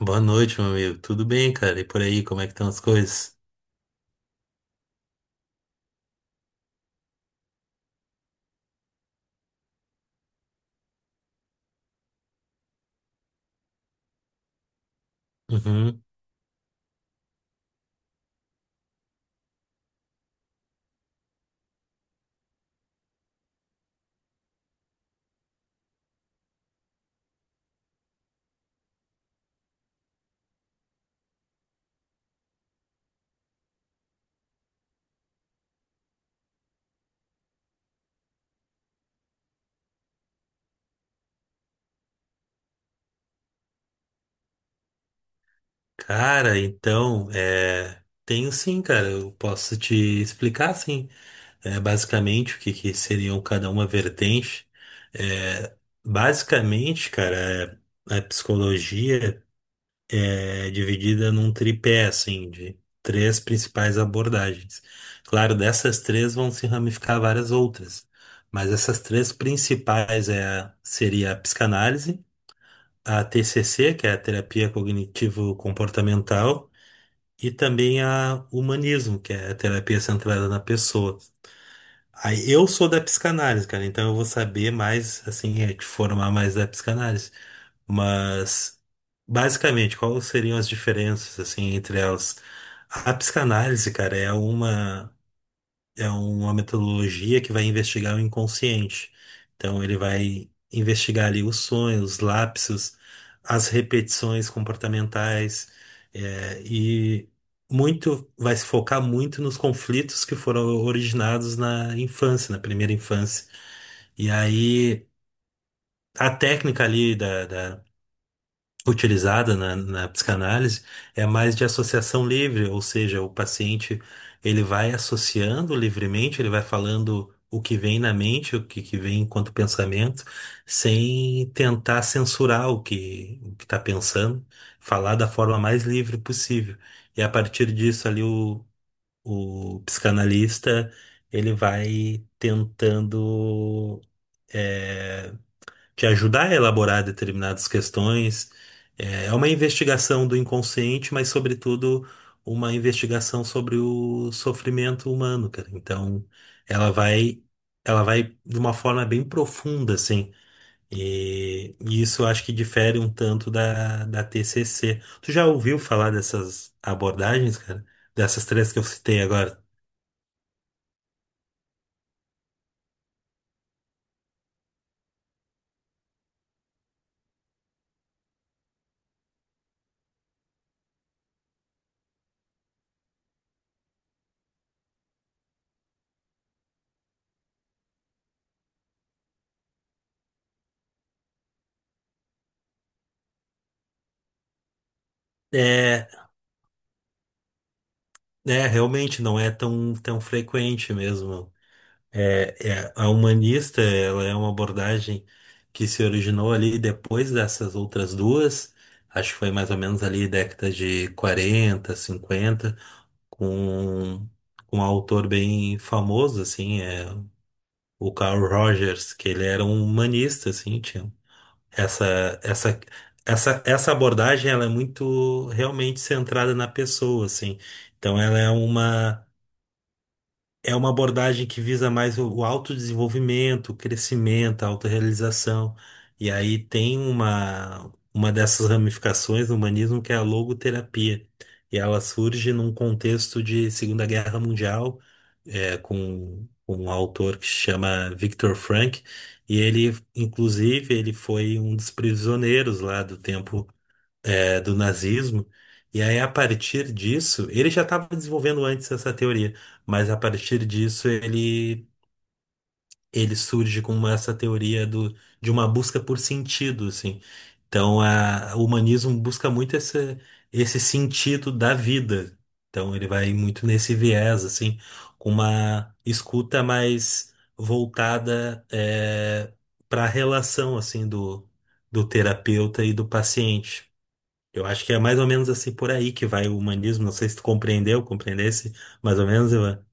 Boa noite, meu amigo. Tudo bem, cara? E por aí, como é que estão as coisas? Uhum. Cara, então, tenho sim, cara. Eu posso te explicar, sim, basicamente o que seriam cada uma vertente. É, Basicamente, cara, a psicologia é dividida num tripé, assim, de três principais abordagens. Claro, dessas três vão se ramificar várias outras, mas essas três principais seria a psicanálise, a TCC, que é a terapia cognitivo-comportamental, e também a humanismo, que é a terapia centrada na pessoa. Aí eu sou da psicanálise, cara, então eu vou saber mais, assim, te formar mais da psicanálise. Mas, basicamente, quais seriam as diferenças, assim, entre elas? A psicanálise, cara, é uma metodologia que vai investigar o inconsciente. Então, ele vai investigar ali os sonhos, os lapsos, as repetições comportamentais, e muito vai se focar muito nos conflitos que foram originados na infância, na primeira infância. E aí, a técnica ali da utilizada na psicanálise é mais de associação livre, ou seja, o paciente ele vai associando livremente, ele vai falando o que vem na mente, o que vem enquanto pensamento, sem tentar censurar o que está pensando, falar da forma mais livre possível. E a partir disso ali o psicanalista ele vai tentando eh, que ajudar a elaborar determinadas questões. É uma investigação do inconsciente, mas, sobretudo, uma investigação sobre o sofrimento humano, cara. Então, ela vai, ela vai de uma forma bem profunda, assim. E isso eu acho que difere um tanto da TCC. Tu já ouviu falar dessas abordagens, cara? Dessas três que eu citei agora? É, Realmente não é tão, tão frequente mesmo. A humanista, ela é uma abordagem que se originou ali depois dessas outras duas, acho que foi mais ou menos ali década de 40 50 com, com um autor bem famoso, assim, o Carl Rogers, que ele era um humanista, assim, tinha essa, essa, essa abordagem, ela é muito realmente centrada na pessoa, assim, então ela é uma abordagem que visa mais o autodesenvolvimento, o crescimento, a autorrealização. E aí tem uma dessas ramificações no humanismo que é a logoterapia. E ela surge num contexto de Segunda Guerra Mundial, com um autor que se chama Viktor Frankl. E ele, inclusive, ele foi um dos prisioneiros lá do tempo do nazismo. E aí, a partir disso, ele já estava desenvolvendo antes essa teoria, mas a partir disso ele surge com essa teoria de uma busca por sentido, assim. Então, o humanismo busca muito esse sentido da vida. Então, ele vai muito nesse viés, assim, com uma escuta mais voltada para a relação, assim, do terapeuta e do paciente. Eu acho que é mais ou menos assim por aí que vai o humanismo. Não sei se tu compreendesse, mais ou menos, Ivan.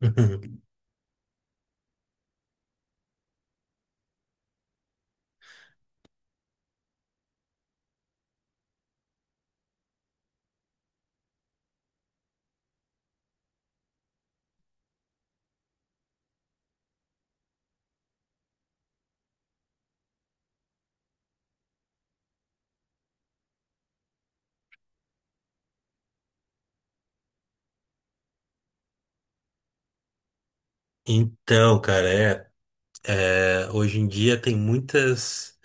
Então, cara, hoje em dia tem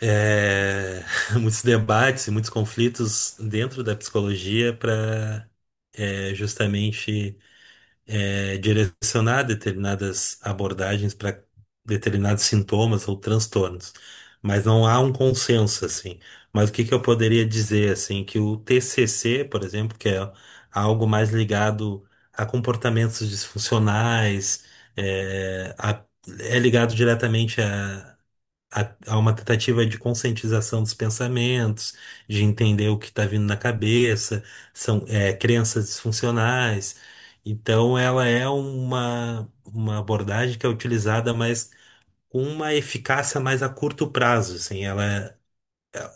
é, muitos debates e muitos conflitos dentro da psicologia para justamente direcionar determinadas abordagens para determinados sintomas ou transtornos, mas não há um consenso assim. Mas o que que eu poderia dizer assim que o TCC, por exemplo, que é algo mais ligado a comportamentos disfuncionais, é, a- é ligado diretamente há uma tentativa de conscientização dos pensamentos, de entender o que está vindo na cabeça, são crenças disfuncionais. Então, ela é uma abordagem que é utilizada, mas com uma eficácia mais a curto prazo, assim, ela,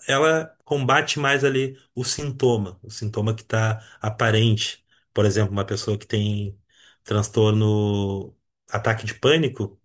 ela combate mais ali o sintoma que está aparente. Por exemplo, uma pessoa que tem transtorno, ataque de pânico,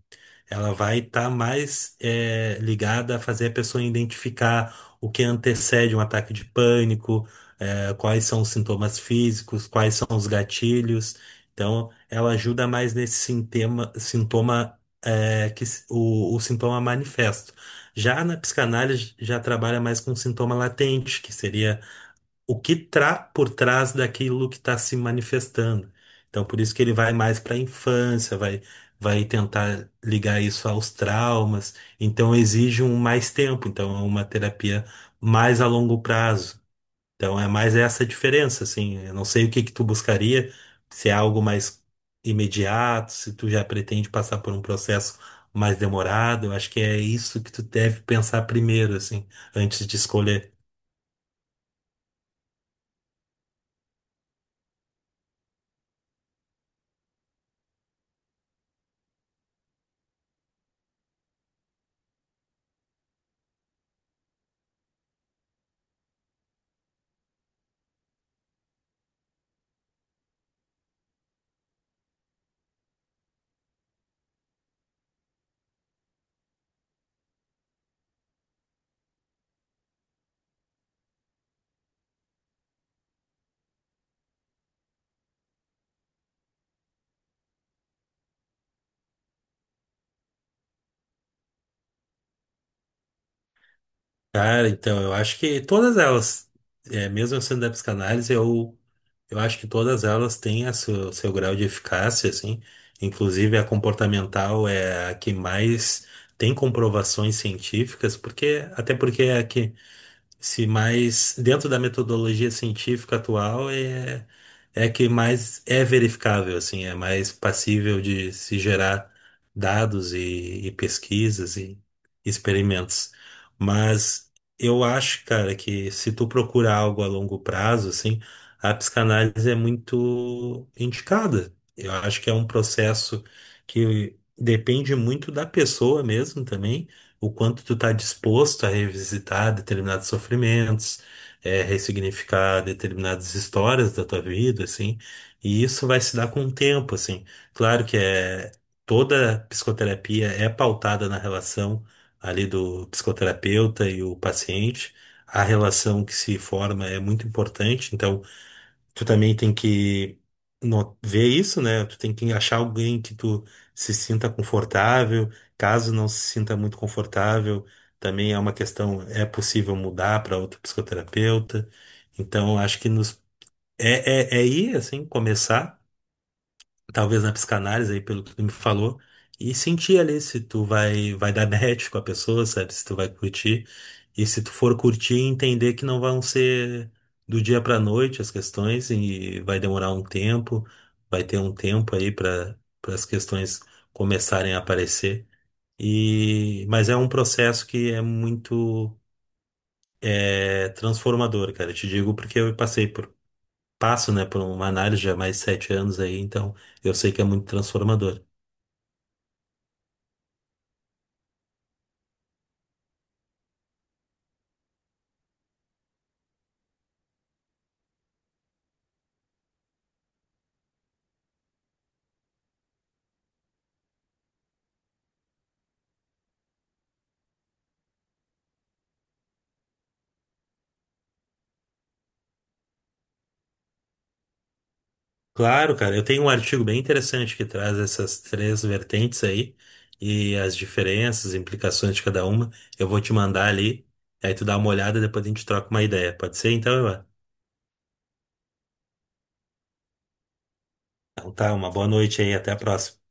ela vai estar mais ligada a fazer a pessoa identificar o que antecede um ataque de pânico, quais são os sintomas físicos, quais são os gatilhos. Então, ela ajuda mais nesse sintoma, o, sintoma manifesto. Já na psicanálise, já trabalha mais com sintoma latente, que seria o que está por trás daquilo que está se manifestando. Então, por isso que ele vai mais para a infância, vai tentar ligar isso aos traumas. Então, exige um mais tempo. Então, é uma terapia mais a longo prazo. Então, é mais essa diferença, assim. Eu não sei o que que tu buscaria, se é algo mais imediato, se tu já pretende passar por um processo mais demorado. Eu acho que é isso que tu deve pensar primeiro, assim, antes de escolher. Cara, então, eu acho que todas elas, mesmo eu sendo da psicanálise, eu acho que todas elas têm a seu grau de eficácia, assim. Inclusive a comportamental é a que mais tem comprovações científicas, porque até porque é a que se mais dentro da metodologia científica atual é a que mais é verificável assim, é mais passível de se gerar dados e pesquisas e experimentos. Mas eu acho, cara, que se tu procura algo a longo prazo, assim, a psicanálise é muito indicada. Eu acho que é um processo que depende muito da pessoa mesmo também o quanto tu tá disposto a revisitar determinados sofrimentos, ressignificar determinadas histórias da tua vida, assim, e isso vai se dar com o tempo, assim. Claro que toda psicoterapia é pautada na relação ali do psicoterapeuta e o paciente, a relação que se forma é muito importante, então tu também tem que ver isso, né? Tu tem que achar alguém que tu se sinta confortável. Caso não se sinta muito confortável, também é uma questão, é possível mudar para outro psicoterapeuta. Então, acho que nos é, é, é ir assim, começar talvez na psicanálise aí, pelo que tu me falou, e sentir ali se tu vai dar match com a pessoa, sabe? Se tu vai curtir. E se tu for curtir, entender que não vão ser do dia pra noite as questões e vai demorar um tempo, vai ter um tempo aí para as questões começarem a aparecer. E mas é um processo que é muito transformador, cara. Eu te digo porque eu passei por passo, né, por uma análise já há mais de 7 anos aí, então eu sei que é muito transformador. Claro, cara, eu tenho um artigo bem interessante que traz essas três vertentes aí e as diferenças, implicações de cada uma. Eu vou te mandar ali, aí tu dá uma olhada e depois a gente troca uma ideia. Pode ser? Então, Ivan? Então tá, uma boa noite aí, até a próxima.